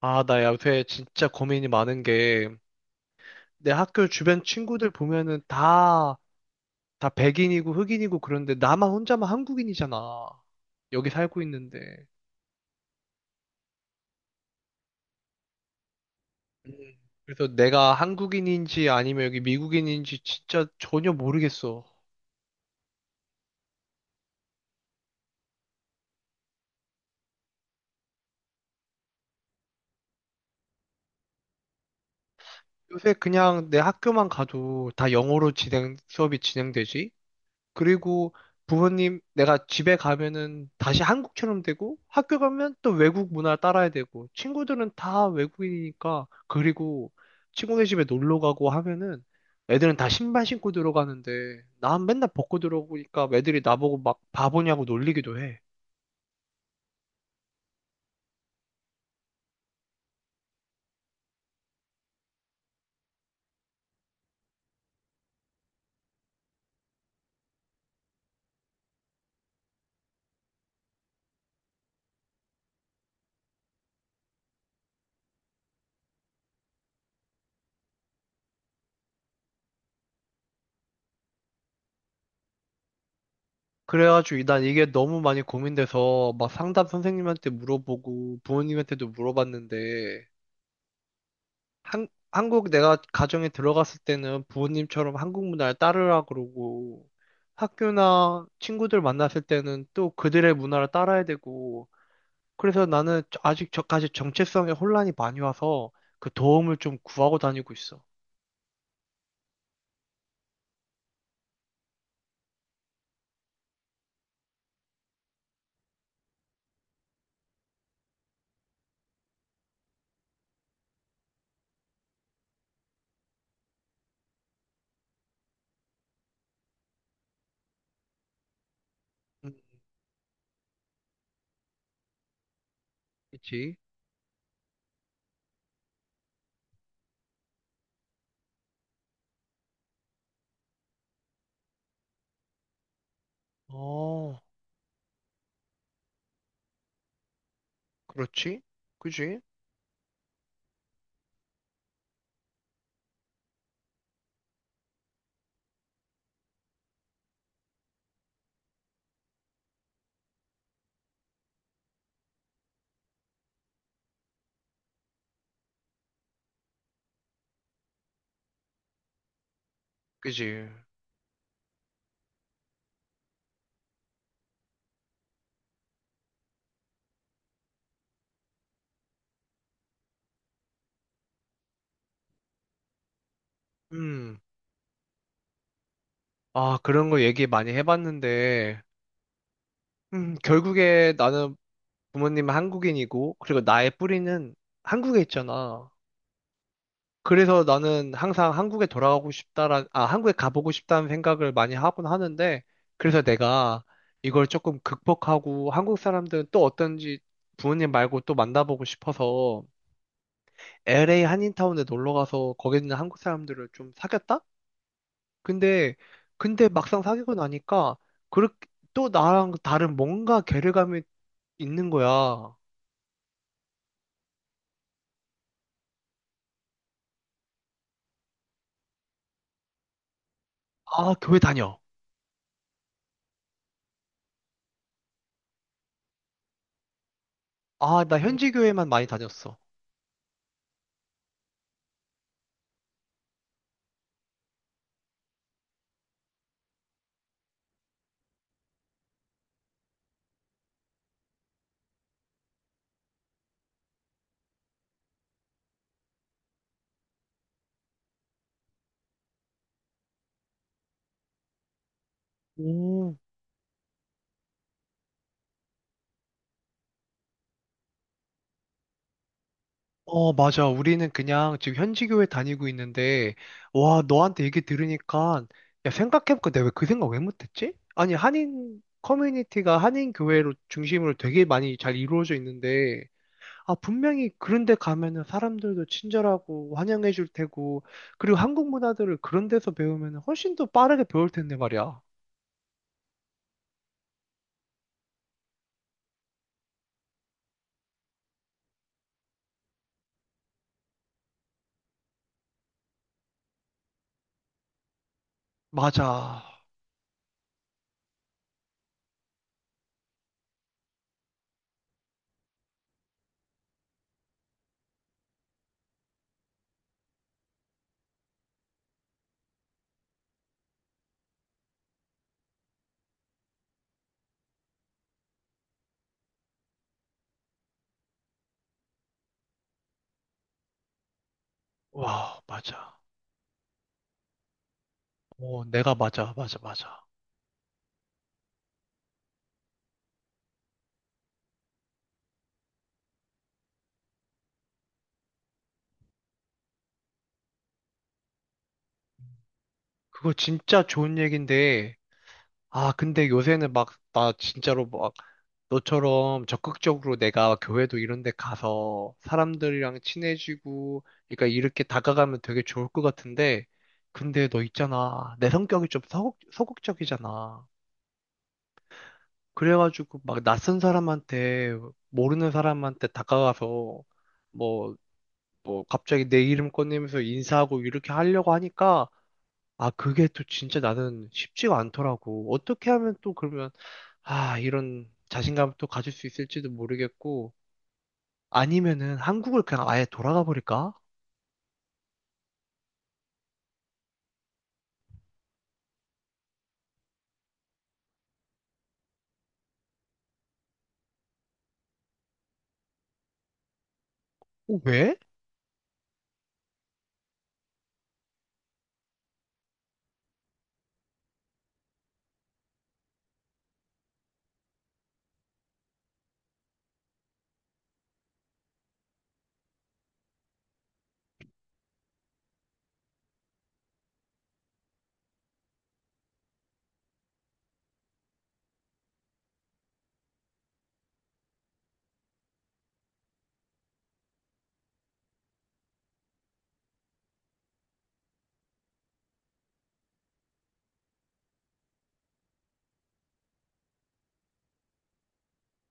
아, 나 요새 진짜 고민이 많은 게, 내 학교 주변 친구들 보면은 다 백인이고 흑인이고 그런데 나만 혼자만 한국인이잖아. 여기 살고 있는데. 음. 그래서 내가 한국인인지 아니면 여기 미국인인지 진짜 전혀 모르겠어. 요새 그냥 내 학교만 가도 다 영어로 진행, 수업이 진행되지? 그리고 부모님, 내가 집에 가면은 다시 한국처럼 되고, 학교 가면 또 외국 문화 따라야 되고, 친구들은 다 외국인이니까, 그리고 친구네 집에 놀러 가고 하면은 애들은 다 신발 신고 들어가는데, 난 맨날 벗고 들어오니까 애들이 나보고 막 바보냐고 놀리기도 해. 그래가지고 난 이게 너무 많이 고민돼서 막 상담 선생님한테 물어보고 부모님한테도 물어봤는데 한국 내가 가정에 들어갔을 때는 부모님처럼 한국 문화를 따르라 그러고 학교나 친구들 만났을 때는 또 그들의 문화를 따라야 되고 그래서 나는 아직 저까지 정체성에 혼란이 많이 와서 그 도움을 좀 구하고 다니고 있어. 음, 그치? 어, 그렇지? 그지? 그지? 음, 아, 그런 거 얘기 많이 해봤는데, 결국에 나는 부모님은 한국인이고, 그리고 나의 뿌리는 한국에 있잖아. 그래서 나는 항상 한국에 돌아가고 싶다라, 아, 한국에 가보고 싶다는 생각을 많이 하곤 하는데, 그래서 내가 이걸 조금 극복하고 한국 사람들은 또 어떤지 부모님 말고 또 만나보고 싶어서 LA 한인타운에 놀러 가서 거기 있는 한국 사람들을 좀 사귀었다? 근데, 근데 막상 사귀고 나니까, 그렇게 또 나랑 다른 뭔가 괴리감이 있는 거야. 아, 교회 다녀. 아, 나 현지 교회만 많이 다녔어. 오, 어, 맞아. 우리는 그냥 지금 현지교회 다니고 있는데, 와, 너한테 얘기 들으니까, 야, 생각해보니까 내가 왜 그 생각 왜 못했지? 아니, 한인 커뮤니티가 한인 교회로 중심으로 되게 많이 잘 이루어져 있는데, 아, 분명히 그런 데 가면은 사람들도 친절하고 환영해줄 테고, 그리고 한국 문화들을 그런 데서 배우면 훨씬 더 빠르게 배울 텐데 말이야. 맞아. 와, 맞아. 어, 내가 맞아, 맞아, 맞아. 그거 진짜 좋은 얘기인데, 아, 근데 요새는 막, 나 진짜로 막, 너처럼 적극적으로 내가 교회도 이런 데 가서 사람들이랑 친해지고, 그러니까 이렇게 다가가면 되게 좋을 것 같은데, 근데 너 있잖아. 내 성격이 좀 서극적이잖아. 그래가지고 막 낯선 사람한테, 모르는 사람한테 다가가서, 뭐, 뭐, 갑자기 내 이름 꺼내면서 인사하고 이렇게 하려고 하니까, 아, 그게 또 진짜 나는 쉽지가 않더라고. 어떻게 하면 또 그러면, 아, 이런 자신감을 또 가질 수 있을지도 모르겠고, 아니면은 한국을 그냥 아예 돌아가 버릴까? 어, 왜?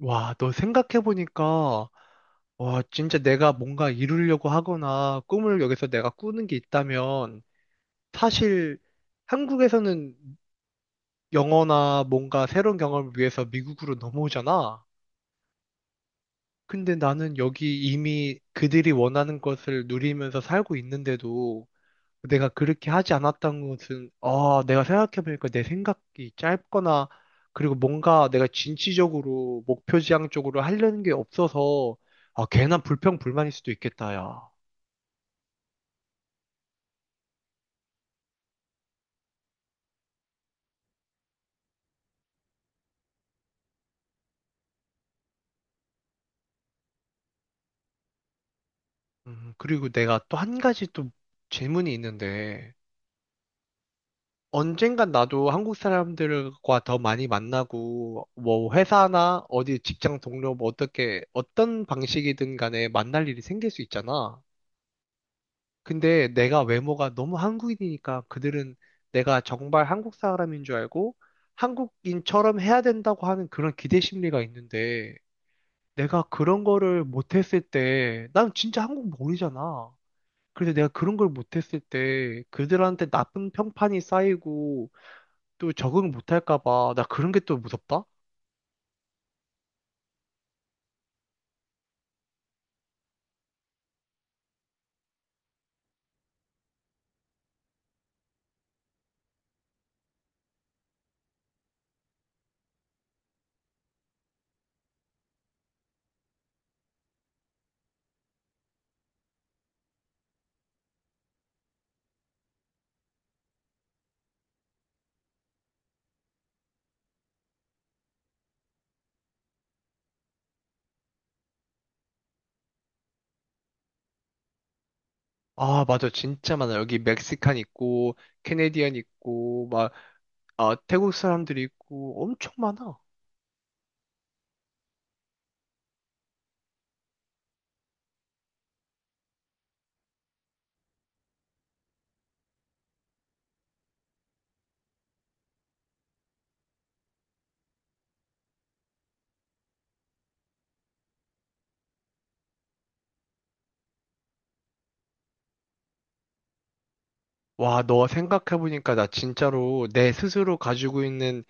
와, 너 생각해보니까, 와, 진짜 내가 뭔가 이루려고 하거나 꿈을 여기서 내가 꾸는 게 있다면, 사실 한국에서는 영어나 뭔가 새로운 경험을 위해서 미국으로 넘어오잖아. 근데 나는 여기 이미 그들이 원하는 것을 누리면서 살고 있는데도 내가 그렇게 하지 않았던 것은, 아, 내가 생각해보니까 내 생각이 짧거나, 그리고 뭔가 내가 진취적으로 목표지향 쪽으로 하려는 게 없어서, 아, 괜한 불평불만일 수도 있겠다, 야. 그리고 내가 또 한 가지 또 질문이 있는데, 언젠간 나도 한국 사람들과 더 많이 만나고, 뭐, 회사나 어디 직장 동료, 뭐, 어떻게, 어떤 방식이든 간에 만날 일이 생길 수 있잖아. 근데 내가 외모가 너무 한국인이니까 그들은 내가 정말 한국 사람인 줄 알고, 한국인처럼 해야 된다고 하는 그런 기대 심리가 있는데, 내가 그런 거를 못했을 때, 난 진짜 한국 모르잖아. 그래서 내가 그런 걸 못했을 때, 그들한테 나쁜 평판이 쌓이고, 또 적응 못할까 봐. 나 그런 게 또 무섭다? 아, 맞아. 진짜 많아. 여기 멕시칸 있고, 캐네디언 있고, 막, 아, 태국 사람들이 있고, 엄청 많아. 와, 너 생각해보니까 나 진짜로 내 스스로 가지고 있는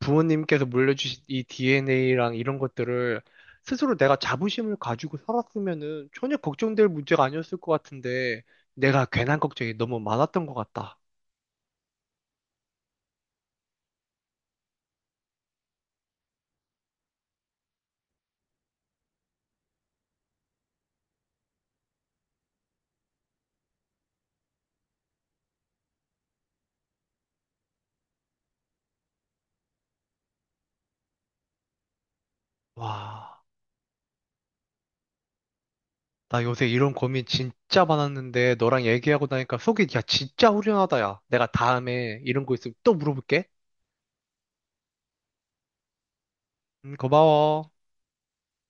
부모님께서 물려주신 이 DNA랑 이런 것들을 스스로 내가 자부심을 가지고 살았으면은 전혀 걱정될 문제가 아니었을 것 같은데, 내가 괜한 걱정이 너무 많았던 것 같다. 와. 나 요새 이런 고민 진짜 많았는데 너랑 얘기하고 나니까 속이 야 진짜 후련하다 야. 내가 다음에 이런 거 있으면 또 물어볼게. 고마워.